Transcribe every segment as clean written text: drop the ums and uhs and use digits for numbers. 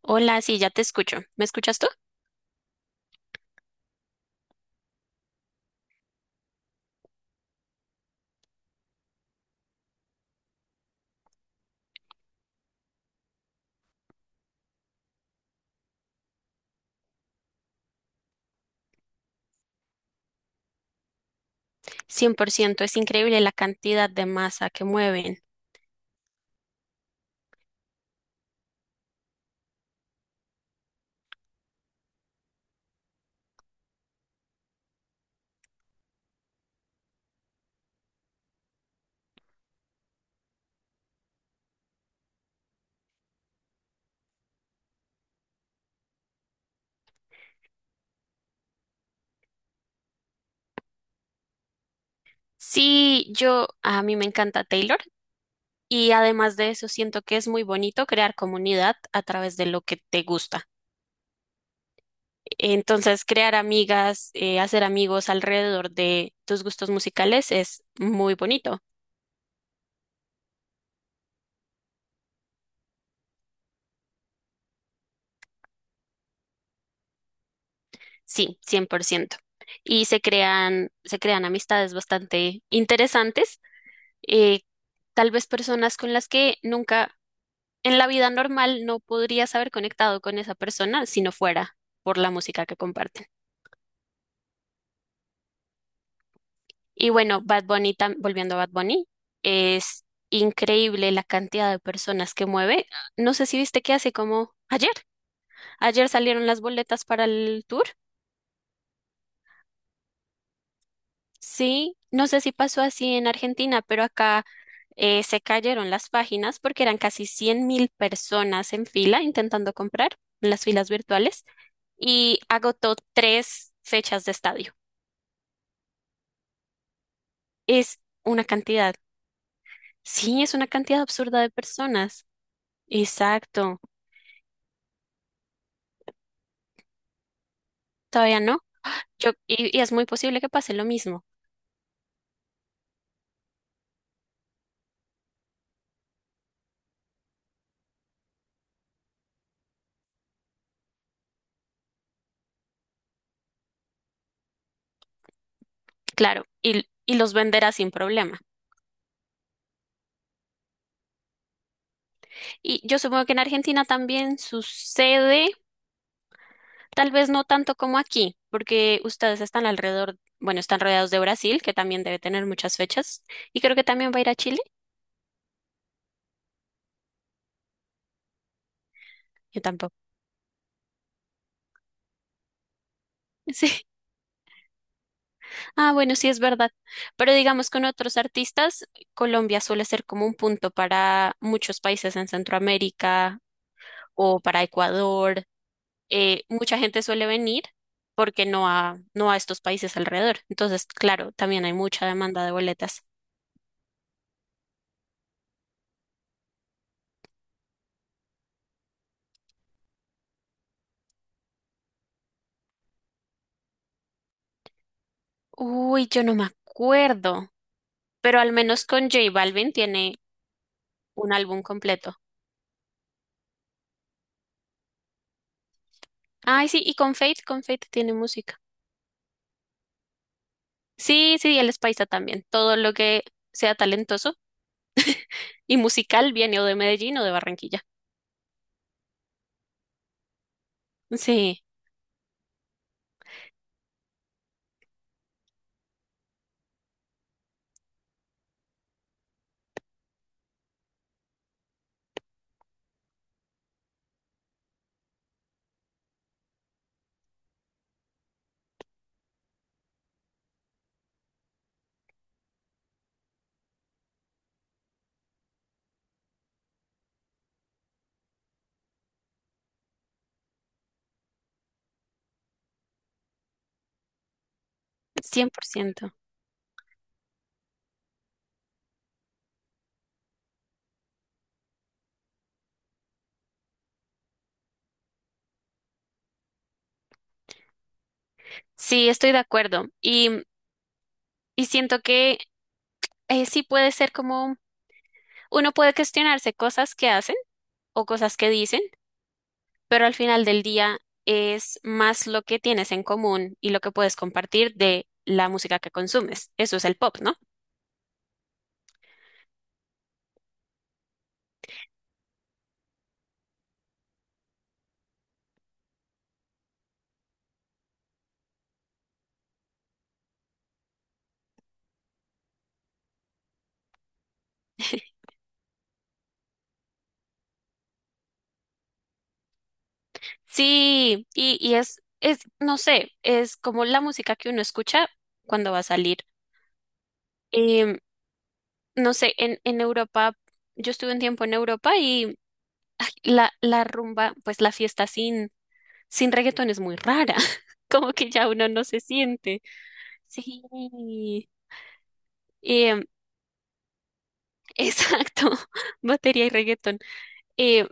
Hola, sí, ya te escucho. ¿Me escuchas tú? 100%. Es increíble la cantidad de masa que mueven. Sí, a mí me encanta Taylor y además de eso siento que es muy bonito crear comunidad a través de lo que te gusta. Entonces, crear amigas, hacer amigos alrededor de tus gustos musicales es muy bonito. Sí, 100%. Y se crean amistades bastante interesantes, eh, tal vez personas con las que nunca en la vida normal no podrías haber conectado con esa persona si no fuera por la música que comparten. Y bueno, Bad Bunny, volviendo a Bad Bunny, es increíble la cantidad de personas que mueve. No sé si viste que hace como ayer. Ayer salieron las boletas para el tour. Sí, no sé si pasó así en Argentina, pero acá se cayeron las páginas porque eran casi 100,000 personas en fila intentando comprar en las filas virtuales y agotó tres fechas de estadio. Es una cantidad. Sí, es una cantidad absurda de personas. Exacto. Todavía no. Y es muy posible que pase lo mismo. Claro. Y los venderá sin problema. Y yo supongo que en Argentina también sucede. Tal vez no tanto como aquí, porque ustedes están alrededor, bueno, están rodeados de Brasil, que también debe tener muchas fechas, y creo que también va a ir a Chile. Yo tampoco. Sí. Ah, bueno, sí es verdad. Pero digamos con otros artistas, Colombia suele ser como un punto para muchos países en Centroamérica o para Ecuador. Mucha gente suele venir porque no a estos países alrededor. Entonces, claro, también hay mucha demanda de boletas. Uy, yo no me acuerdo, pero al menos con J Balvin tiene un álbum completo. Ay, sí, y con Fate tiene música. Sí, sí, y él es paisa también. Todo lo que sea talentoso y musical viene o de Medellín o de Barranquilla. Sí, 100%. Sí, estoy de acuerdo. Y siento que sí puede ser como, uno puede cuestionarse cosas que hacen o cosas que dicen, pero al final del día es más lo que tienes en común y lo que puedes compartir de la música que consumes. Eso es el pop, ¿no? Sí, no sé, es como la música que uno escucha cuando va a salir. Em, no sé, en Europa, yo estuve un tiempo en Europa y ay, la rumba, pues la fiesta sin reggaetón es muy rara, como que ya uno no se siente. Sí, em, exacto, batería y reggaetón. Em,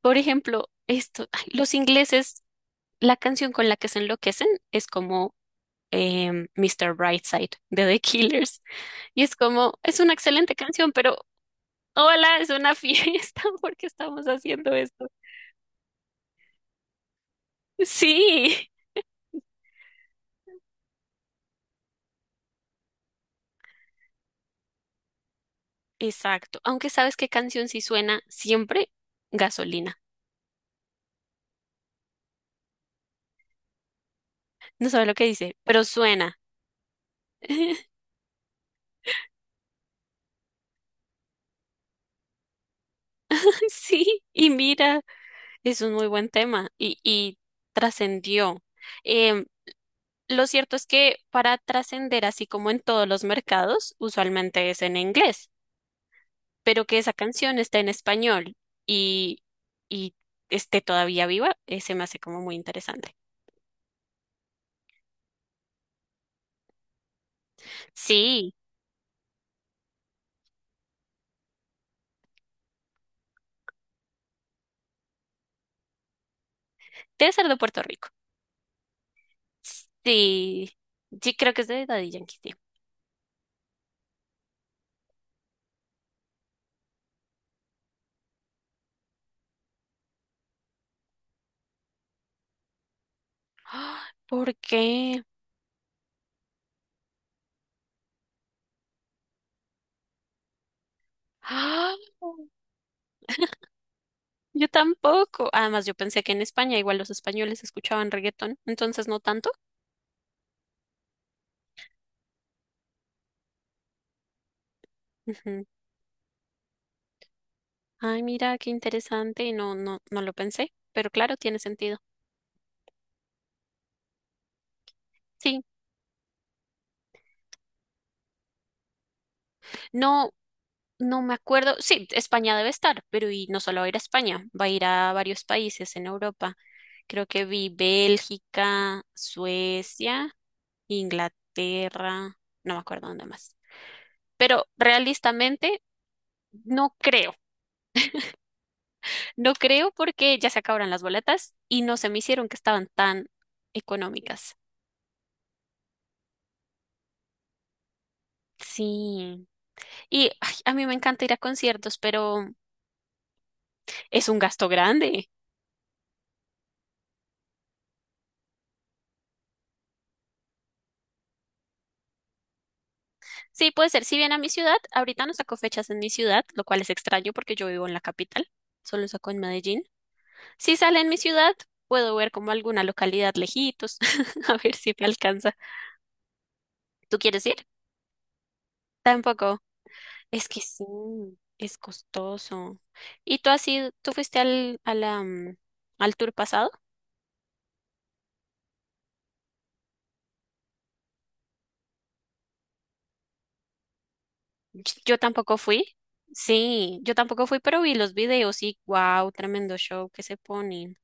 por ejemplo, esto, ay, los ingleses, la canción con la que se enloquecen es como Mr. Brightside de The Killers. Y es como, es una excelente canción, pero hola, es una fiesta porque estamos haciendo esto. Sí, exacto. Aunque sabes qué canción sí suena siempre, gasolina. No sabe lo que dice, pero suena. Sí, y mira, es un muy buen tema y trascendió. Em, lo cierto es que para trascender, así como en todos los mercados, usualmente es en inglés. Pero que esa canción está en español y, y esté todavía viva, se me hace como muy interesante. Sí, debe ser de Puerto Rico. Sí, sí, creo que es de Daddy Yankee, sí. ¡Ah! ¿Por qué? ¡Ah! Yo tampoco. Además, yo pensé que en España igual los españoles escuchaban reggaetón, entonces no tanto. Ujú. Ay, mira, qué interesante. No, no, no lo pensé, pero claro, tiene sentido. Sí, no, no me acuerdo. Sí, España debe estar, pero y no solo va a ir a España, va a ir a varios países en Europa. Creo que vi Bélgica, Suecia, Inglaterra, no me acuerdo dónde más. Pero realistamente no creo, no creo porque ya se acabaron las boletas y no se me hicieron que estaban tan económicas. Sí. Y ay, a mí me encanta ir a conciertos, pero es un gasto grande. Sí, puede ser. Si viene a mi ciudad, ahorita no saco fechas en mi ciudad, lo cual es extraño porque yo vivo en la capital, solo saco en Medellín. Si sale en mi ciudad, puedo ver como alguna localidad lejitos, a ver si me alcanza. ¿Tú quieres ir? Tampoco. Es que sí, es costoso. ¿Y tú has ido, tú fuiste al, a la, mm, al tour pasado? Yo tampoco fui. Sí, yo tampoco fui, pero vi los videos y wow, tremendo show que se ponen.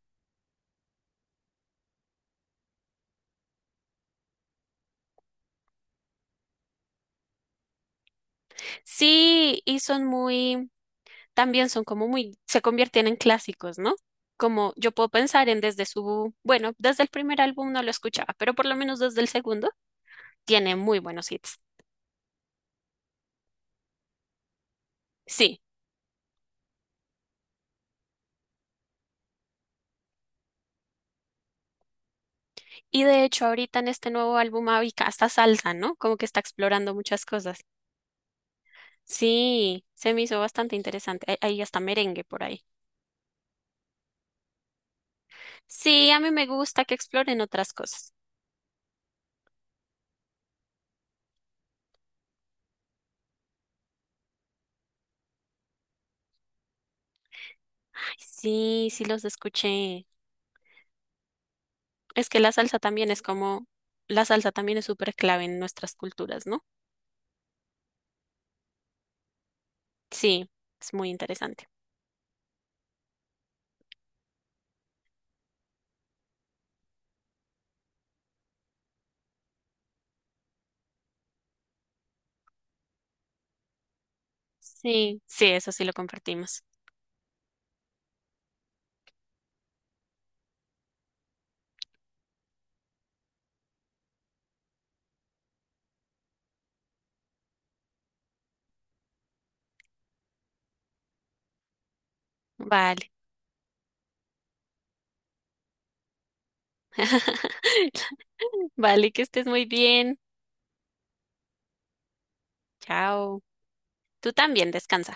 Sí, y son muy también son como muy, se convierten en clásicos, ¿no? Como yo puedo pensar en desde su, bueno, desde el primer álbum no lo escuchaba, pero por lo menos desde el segundo tiene muy buenos hits. Sí, y de hecho ahorita en este nuevo álbum Avica hasta salsa, ¿no? Como que está explorando muchas cosas. Sí, se me hizo bastante interesante. Ahí hasta merengue por ahí. Sí, a mí me gusta que exploren otras cosas. Ay, sí, sí los escuché. Es que la salsa también es como, la salsa también es súper clave en nuestras culturas, ¿no? Sí, es muy interesante. Sí, sí, eso sí lo compartimos. Vale. Vale, que estés muy bien. Chao. Tú también, descansa.